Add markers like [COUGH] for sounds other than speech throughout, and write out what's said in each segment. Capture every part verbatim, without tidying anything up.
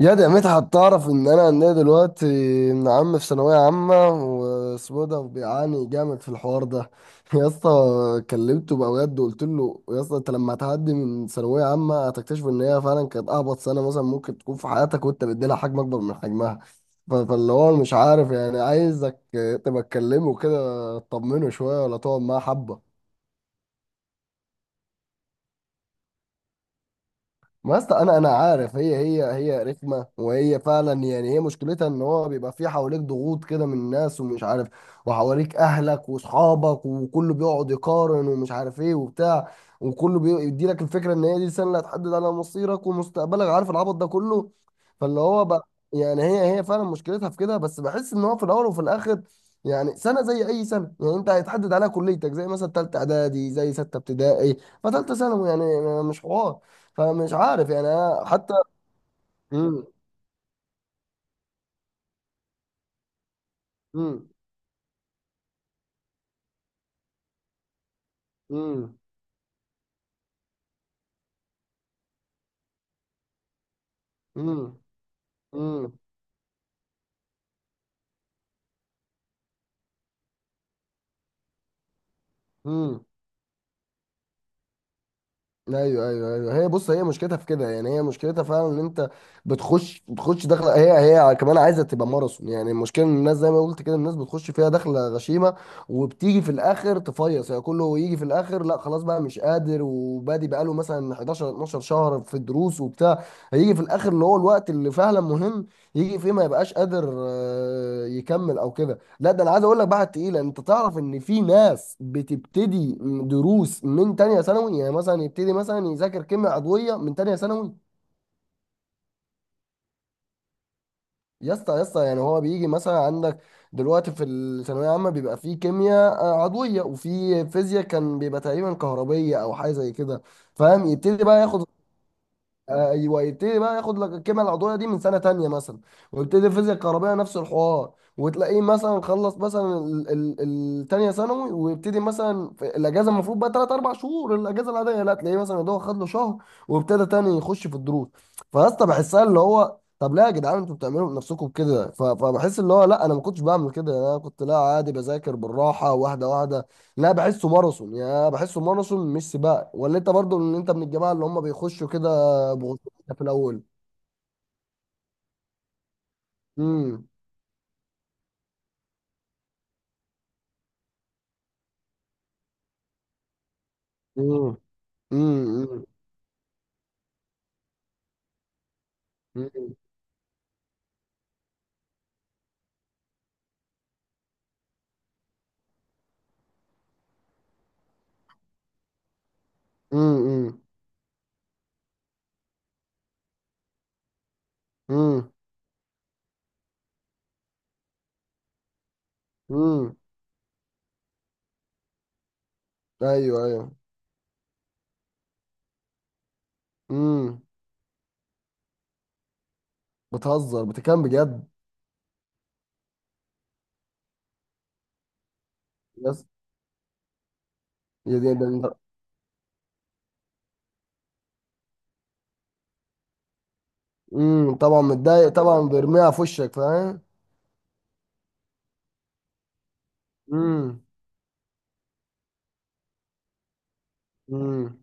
يا ده يا مدحت، تعرف ان انا عندي دلوقتي ابن عم في ثانويه عامه واسمه ده بيعاني جامد في الحوار ده [LAUGHS] يا اسطى كلمته بقى بجد وقلت له: يا اسطى انت لما هتعدي من ثانويه عامه هتكتشف ان هي فعلا كانت اهبط سنه مثلا ممكن تكون في حياتك وانت مديلها حجم اكبر من حجمها. ف- فاللي هو مش عارف، يعني عايزك تبقى تكلمه كده تطمنه شويه ولا تقعد معاه حبه. ما يا اسطى انا انا عارف، هي هي هي رخمه، وهي فعلا، يعني هي مشكلتها ان هو بيبقى في حواليك ضغوط كده من الناس ومش عارف، وحواليك اهلك واصحابك وكله بيقعد يقارن ومش عارف ايه وبتاع، وكله بيدي لك الفكره ان هي دي السنه اللي هتحدد على مصيرك ومستقبلك، عارف العبط ده كله. فاللي هو بقى يعني هي هي فعلا مشكلتها في كده، بس بحس ان هو في الاول وفي الاخر يعني سنه زي اي سنه، يعني انت هيتحدد عليها كليتك زي مثلا ثالثه اعدادي، زي سته ابتدائي، فتالته ثانوي، يعني يعني مش حوار. فمش عارف يعني انا حتى... امم. امم. امم. امم. امم. امم. ايوه ايوه ايوه، هي بص، هي مشكلتها في كده، يعني هي مشكلتها فعلا ان انت بتخش بتخش داخله، هي هي كمان عايزه تبقى ماراثون، يعني المشكله ان الناس زي ما قلت كده، الناس بتخش فيها داخله غشيمه، وبتيجي في الاخر تفيص، يعني كله يجي في الاخر: لا خلاص بقى مش قادر، وبادي بقاله مثلا حداشر اتناشر شهر في دروس وبتاع، هيجي في الاخر اللي هو الوقت اللي فعلا مهم، يجي فيه ما يبقاش قادر آه، يكمل او كده. لا ده انا عايز اقول لك بقى، تقيله. انت تعرف ان في ناس بتبتدي دروس من تانية ثانوي، يعني مثلا يبتدي مثلا يذاكر كيمياء عضويه من تانية ثانوي. يا اسطى يا اسطى يعني هو بيجي مثلا عندك دلوقتي في الثانويه العامه بيبقى في كيمياء آه، عضويه، وفي فيزياء كان بيبقى تقريبا كهربيه او حاجه زي كده، فاهم؟ يبتدي بقى ياخد... ايوه، يبتدي بقى ياخد لك الكيمياء العضويه دي من سنه تانية مثلا، ويبتدي الفيزياء الكهربائيه نفس الحوار، وتلاقيه مثلا خلص مثلا ال- ال- التانية ثانوي، ويبتدي مثلا في الاجازه، المفروض بقى تلات اربع شهور الاجازه العاديه، لا تلاقيه مثلا ده خد له شهر وابتدى تاني يخش في الدروس. فيا اسطى بحسها اللي هو طب ليه يا جدعان انتوا بتعملوا بنفسكم كده، ف- فبحس اللي هو لا انا ما كنتش بعمل كده، يعني انا كنت لا عادي بذاكر بالراحه واحده واحده، لا بحسه ماراثون، يا بحسه ماراثون مش سباق. ولا انت برضو ان انت من الجماعه اللي هم بيخشوا كده بغضوصة في الأول؟ امم. امم. امم. امم. امم. امم. ايوه ايوه. امم. بتهزر بتكلم بجد؟ بس؟ يا دي ده. امم. طبعا متضايق، طبعا بيرميها في وشك فاهم. امم. امم.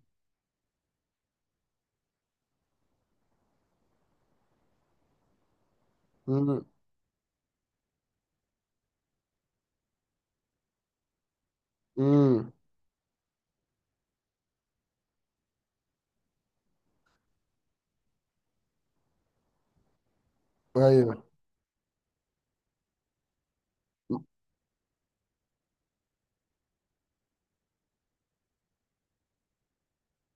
امم. امم. ايوه،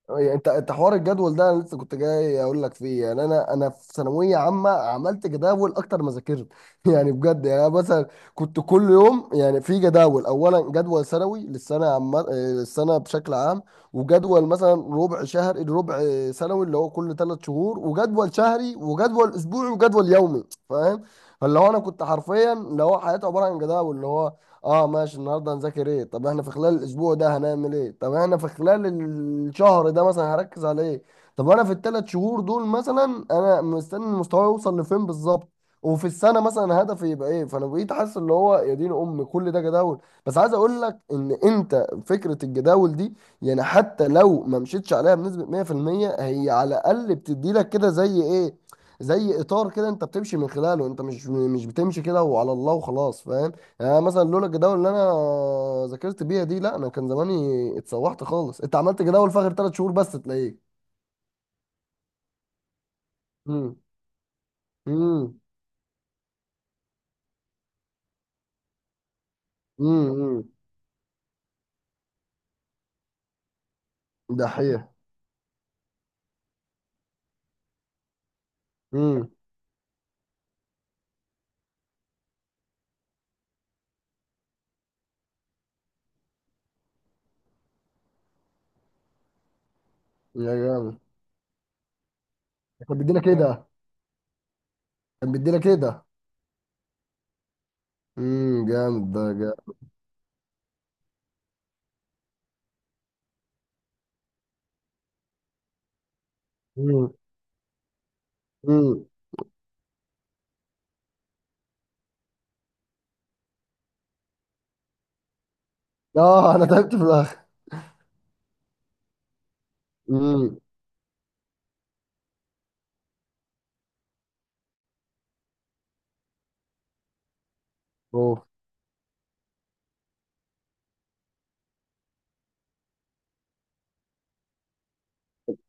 يعني انت انت حوار الجدول ده انا لسه كنت جاي اقول لك فيه، يعني انا انا في ثانويه عامه عملت جداول اكتر ما ذاكرت [LAUGHS] يعني بجد، يعني انا مثلا كنت كل يوم، يعني في جداول: اولا جدول سنوي للسنه عم آه، للسنه بشكل عام، وجدول مثلا ربع شهر، ربع سنوي اللي هو كل ثلاث شهور، وجدول شهري، وجدول اسبوعي، وجدول يومي، فاهم؟ فاللي هو انا كنت حرفيا اللي هو حياتي عباره عن جداول، اللي هو: اه ماشي النهارده هنذاكر ايه؟ طب احنا في خلال الاسبوع ده هنعمل ايه؟ طب احنا في خلال الشهر ده مثلا هركز على ايه؟ طب انا في الثلاث شهور دول مثلا انا مستني مستواي يوصل لفين بالظبط؟ وفي السنه مثلا هدفي يبقى ايه؟ فانا بقيت حاسس اللي هو يا دين ام كل ده جداول. بس عايز اقول لك ان انت فكره الجداول دي يعني حتى لو ما مشيتش عليها بنسبه مية في المية، هي على الاقل بتدي لك كده زي ايه، زي اطار كده انت بتمشي من خلاله، انت مش مش بتمشي كده وعلى الله وخلاص، فاهم؟ يعني مثلا لولا الجداول اللي انا ذاكرت بيها دي، لا انا كان زماني اتسوحت خالص. انت عملت جداول في اخر ثلاث شهور بس تلاقيه... امم. امم. امم. دحيح. امم. يا جامد. كان بيدينا كده. كان بيدينا كده. امم، جامد ده جامد. امم. امم. اه، انا تعبت في الاخر. امم.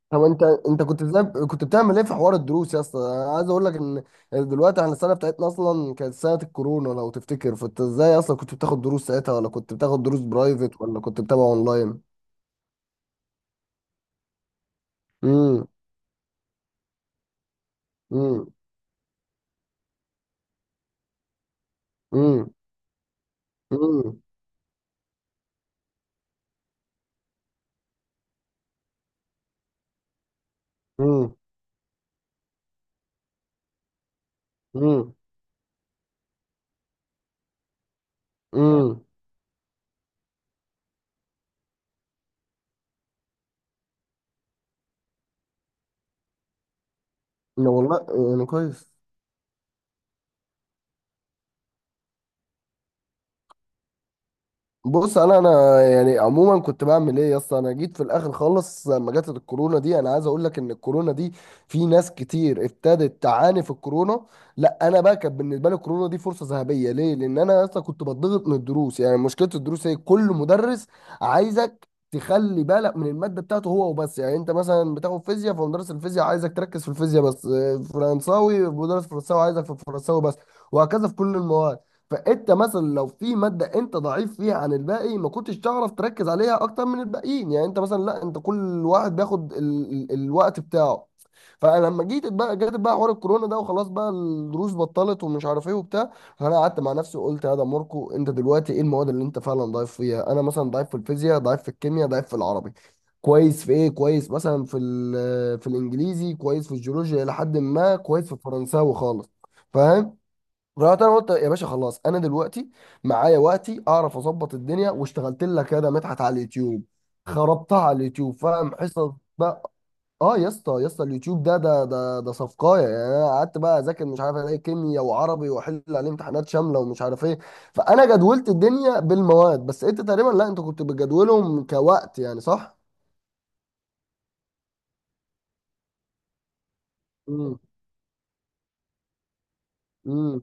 طب انت انت كنت ازاي، كنت بتعمل ايه في حوار الدروس؟ يا اسطى انا عايز اقول لك ان دلوقتي احنا السنه بتاعتنا اصلا كانت سنه الكورونا لو تفتكر، فانت ازاي اصلا كنت بتاخد دروس ساعتها، ولا كنت بتاخد دروس برايفت، ولا كنت بتابع اونلاين؟ امم. امم. امم. امم. امم. امم. والله. يعني كويس. بص، انا انا يعني عموما كنت بعمل ايه يا اسطى: انا جيت في الاخر خالص لما جت الكورونا دي. انا عايز اقول لك ان الكورونا دي في ناس كتير ابتدت تعاني في الكورونا، لا انا بقى كانت بالنسبه لي الكورونا دي فرصه ذهبيه. ليه؟ لان انا يا اسطى كنت بتضغط من الدروس. يعني مشكله الدروس هي كل مدرس عايزك تخلي بالك من الماده بتاعته هو وبس. يعني انت مثلا بتاخد فيزياء، فمدرس الفيزياء عايزك تركز في الفيزياء بس، آه، فرنساوي، مدرس فرنساوي عايزك في الفرنساوي بس، وهكذا في كل المواد. فانت مثلا لو في ماده انت ضعيف فيها عن الباقي ما كنتش تعرف تركز عليها اكتر من الباقيين، يعني انت مثلا لا، انت كل واحد بياخد ال ال الوقت بتاعه. فانا لما جيت بقى جت بقى حوار الكورونا ده، وخلاص بقى الدروس بطلت ومش عارف ايه وبتاع. فانا قعدت مع نفسي وقلت: يا ده ماركو انت دلوقتي ايه المواد اللي انت فعلا ضعيف فيها؟ انا مثلا ضعيف في الفيزياء، ضعيف في الكيمياء، ضعيف في العربي، كويس في ايه، كويس مثلا في ال- في الانجليزي، كويس في الجيولوجيا الى حد ما، كويس في الفرنساوي خالص، فاهم؟ رحت انا قلت: يا باشا خلاص انا دلوقتي معايا وقتي اعرف اظبط الدنيا. واشتغلت لك يا ده مدحت على اليوتيوب، خربتها على اليوتيوب، فاهم؟ حصص بقى. اه يا اسطى يا اسطى اليوتيوب ده ده ده ده صفقايه، يعني انا قعدت بقى اذاكر، مش عارف الاقي كيمياء وعربي واحل عليه امتحانات شامله ومش عارف ايه. فانا جدولت الدنيا بالمواد، بس انت تقريبا، لا، انت كنت بتجدولهم كوقت، يعني صح؟ امم. امم.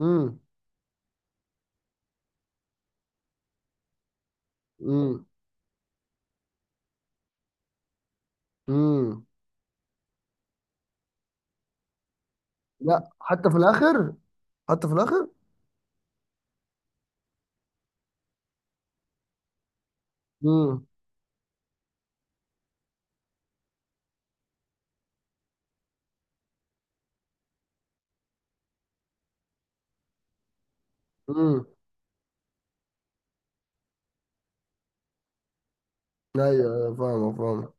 امم. امم. امم. لا حتى في الاخر، حتى في الاخر. امم. ايوه، أيوة، فاهمه فاهمه.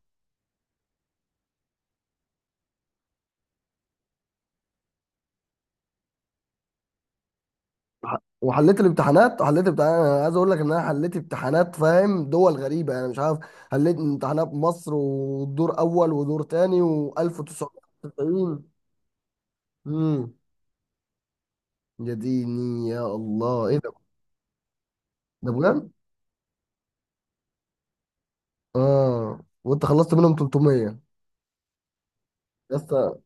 ح- وحليت الامتحانات، حليت امتحانات، انا عايز اقول لك ان انا حليت امتحانات فاهم دول غريبه، يعني مش عارف، حليت امتحانات مصر ودور اول ودور تاني و1990. امم. يا ديني، يا الله ايه ده؟ ده بجد؟ اه، وانت خلصت منهم ثلاث مية؟ بس،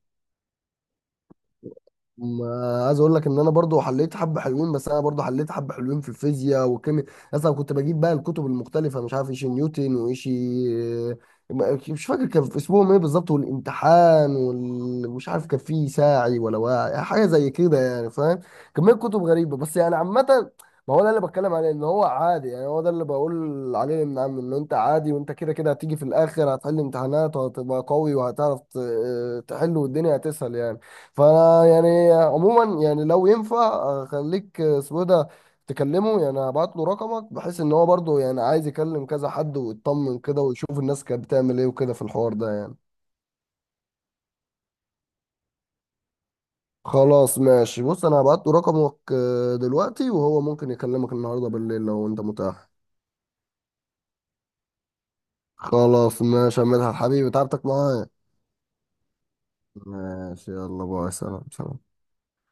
ما عايز اقول لك ان انا برضو حليت حبه حلوين، بس انا برضو حليت حبه حلوين في الفيزياء والكيمياء، اصلا كنت بجيب بقى الكتب المختلفه، مش عارف ايش نيوتن وايش، ما- مش فاكر كان في اسمهم ايه بالظبط، والامتحان وال... مش عارف كان في ساعي ولا واعي، حاجه زي كده يعني فاهم. كميه كتب غريبه بس، يعني عامه، ما هو ده اللي بتكلم عليه ان هو عادي يعني، هو ده اللي بقول عليه ان عم ان انت عادي، وانت كده كده هتيجي في الاخر هتحل امتحانات وهتبقى قوي وهتعرف ت- تحل، والدنيا هتسهل يعني. فانا يعني عموما يعني لو ينفع خليك اسمه ده تكلمه، يعني هبعت له رقمك بحيث ان هو برضه يعني عايز يكلم كذا حد ويطمن كده ويشوف الناس كانت بتعمل ايه وكده في الحوار ده يعني. خلاص ماشي، بص انا هبعت له رقمك آه، دلوقتي، وهو ممكن يكلمك النهارده بالليل لو انت متاح. خلاص ماشي يا مدحت حبيبي، تعبتك معايا. ماشي يلا باي، سلام سلام.